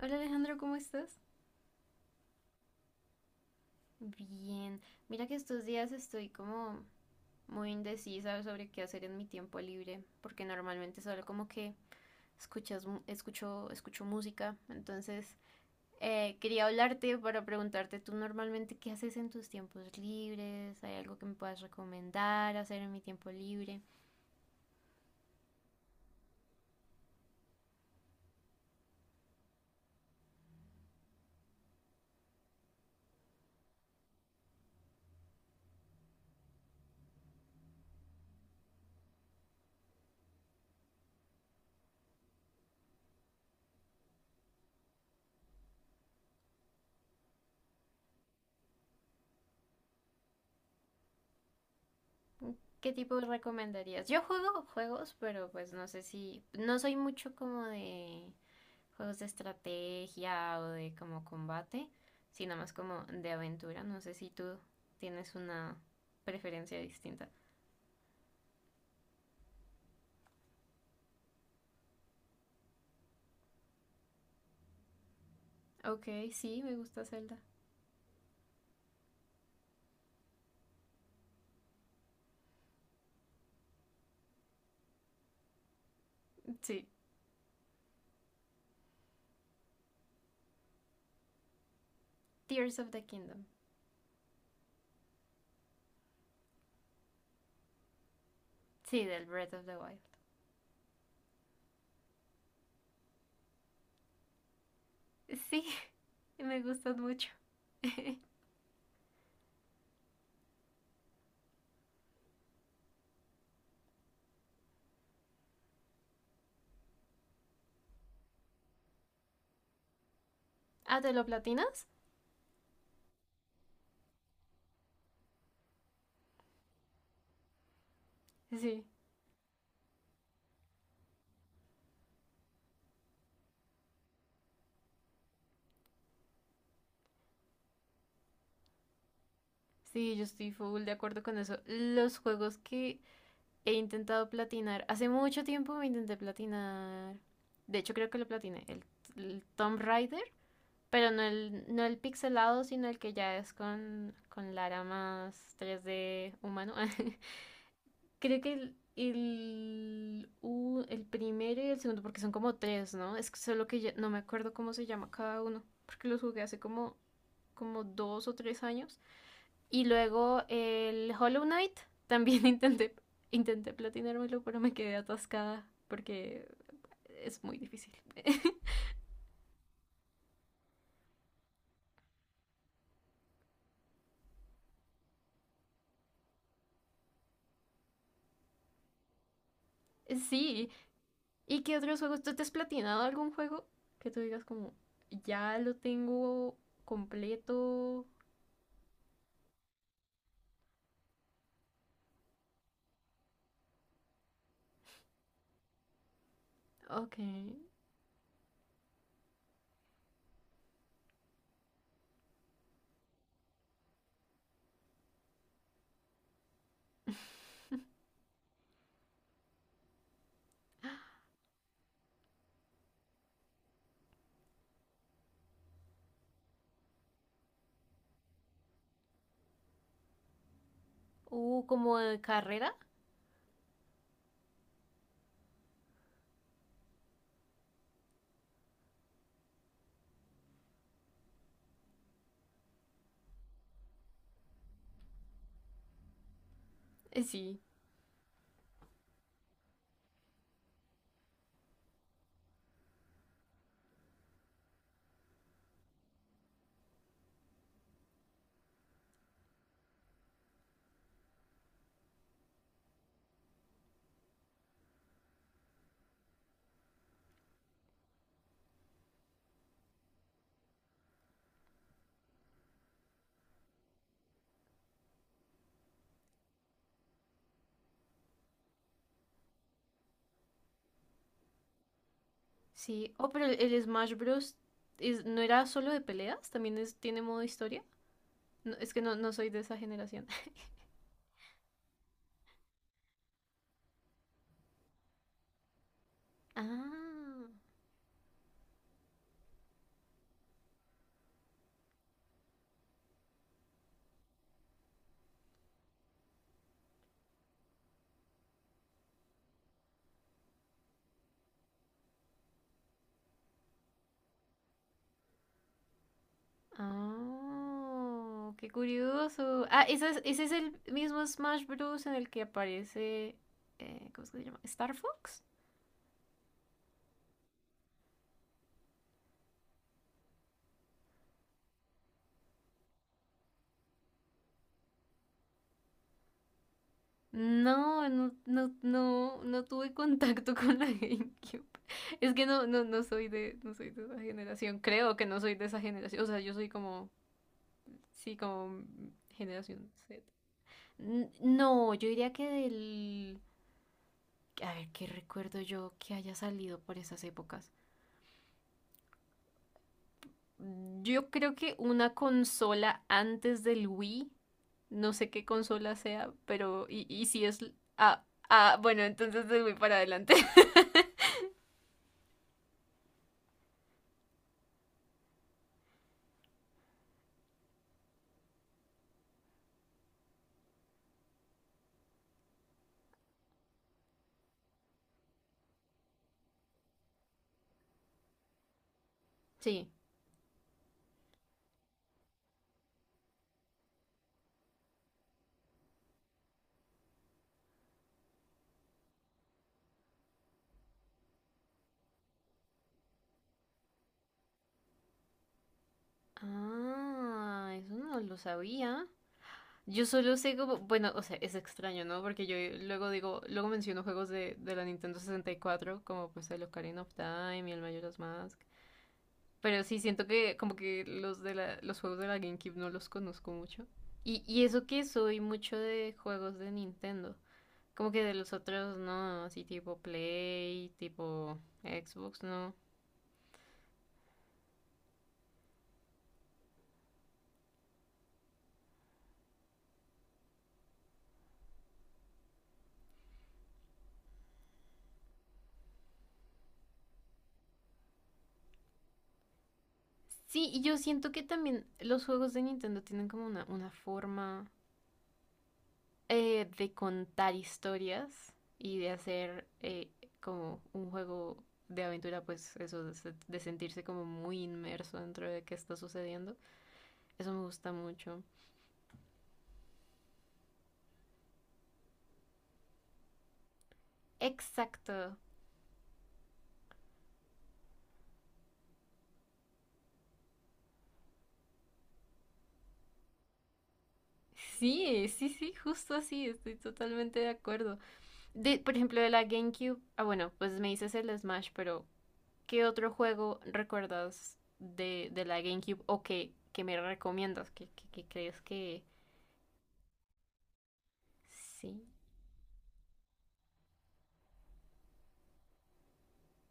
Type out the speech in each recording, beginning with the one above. Hola Alejandro, ¿cómo estás? Bien. Mira que estos días estoy como muy indecisa sobre qué hacer en mi tiempo libre, porque normalmente solo como que escucho música. Entonces, quería hablarte para preguntarte tú normalmente qué haces en tus tiempos libres, ¿hay algo que me puedas recomendar hacer en mi tiempo libre? ¿Qué tipo recomendarías? Yo juego juegos, pero pues no sé si, no soy mucho como de juegos de estrategia o de como combate, sino más como de aventura. No sé si tú tienes una preferencia distinta. Ok, sí, me gusta Zelda. Sí, Tears of the Kingdom. Sí, del Breath of the Wild. Sí, me gustan mucho. Ah, ¿te lo platinas? Sí. Sí, yo estoy full de acuerdo con eso. Los juegos que he intentado platinar. Hace mucho tiempo me intenté platinar. De hecho, creo que lo platiné. El Tomb Raider. Pero no el pixelado, sino el que ya es con Lara más 3D humano. Creo que el primero y el segundo, porque son como tres, ¿no? Es solo que no me acuerdo cómo se llama cada uno. Porque los jugué hace como dos o tres años. Y luego el Hollow Knight, también intenté platinármelo, pero me quedé atascada porque es muy difícil. Sí. ¿Y qué otros juegos? ¿Tú te has platinado algún juego que tú digas como, ya lo tengo completo? Ok. Como de carrera. Sí, sí. Oh, pero el Smash Bros. No era solo de peleas, tiene modo historia. No, es que no soy de esa generación. Ah. ¡Oh! Qué curioso. Ah, ese es el mismo Smash Bros. En el que aparece, ¿cómo es que se llama? ¿Star Fox? No, no, no, no, no tuve contacto con la GameCube. Es que no soy de esa generación. Creo que no soy de esa generación. O sea, yo soy como, sí, como generación Z. No, yo diría que del. A ver, ¿qué recuerdo yo que haya salido por esas épocas? Yo creo que una consola antes del Wii, no sé qué consola sea, pero y si es. Ah, ah, bueno, entonces del Wii para adelante. Sí. Ah, eso no lo sabía. Yo solo sé como, bueno, o sea, es extraño, ¿no? Porque yo luego digo, luego menciono juegos de, la Nintendo 64 como pues el Ocarina of Time y el Majora's Mask. Pero sí, siento que como que los juegos de la GameCube no los conozco mucho. Y eso que soy mucho de juegos de Nintendo. Como que de los otros no, así tipo Play, tipo Xbox, no. Sí, y yo siento que también los juegos de Nintendo tienen como una forma de contar historias y de hacer como un juego de aventura, pues eso, de sentirse como muy inmerso dentro de qué está sucediendo. Eso me gusta mucho. Exacto. Sí, sí, sí, justo así, estoy totalmente de acuerdo. De, por ejemplo, de la GameCube, ah, bueno, pues me dices el Smash, pero ¿qué otro juego recuerdas de, la GameCube o que me recomiendas? ¿Que crees que sí?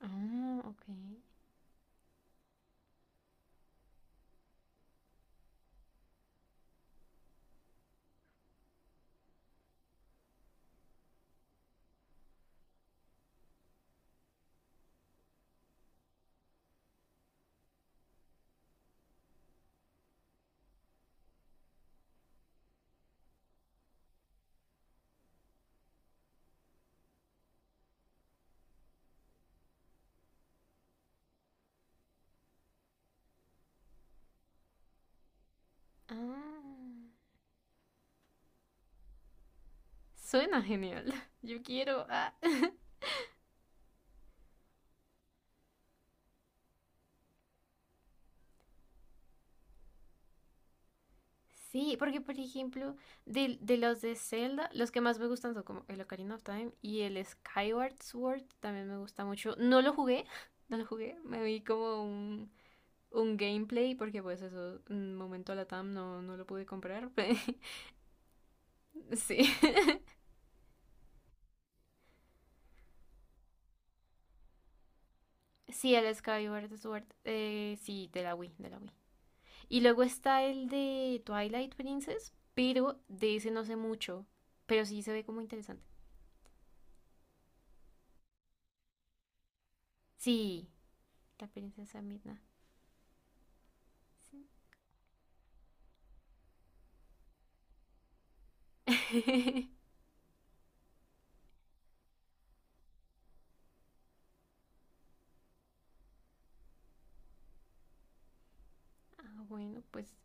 Ah, ok. Ah, suena genial. Yo quiero. Ah. Sí, porque por ejemplo, de los de Zelda, los que más me gustan son como el Ocarina of Time y el Skyward Sword también me gusta mucho. No lo jugué, no lo jugué, me vi como un gameplay porque pues eso, un momento la TAM no lo pude comprar. Sí, sí, el Skyward Sword, sí, de la Wii, de la Wii. Y luego está el de Twilight Princess, pero de ese no sé mucho, pero sí se ve como interesante. Sí, la princesa Midna. Sí. Ah, bueno, pues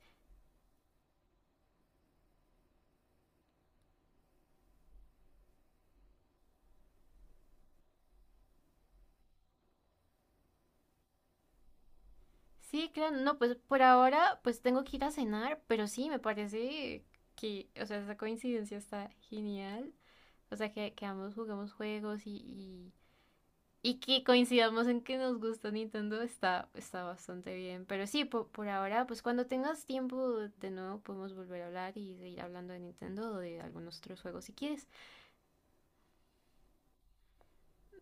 sí, claro, no, pues por ahora pues tengo que ir a cenar, pero sí, me parece que, o sea, esa coincidencia está genial. O sea, que ambos jugamos juegos y que coincidamos en que nos gusta Nintendo está bastante bien. Pero sí, por ahora, pues cuando tengas tiempo de nuevo podemos volver a hablar y seguir hablando de Nintendo o de algunos otros juegos si quieres.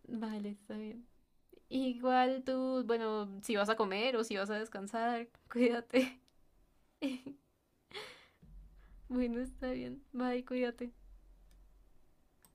Vale, está bien. Igual tú, bueno, si vas a comer o si vas a descansar, cuídate. Bueno, está bien. Bye, cuídate.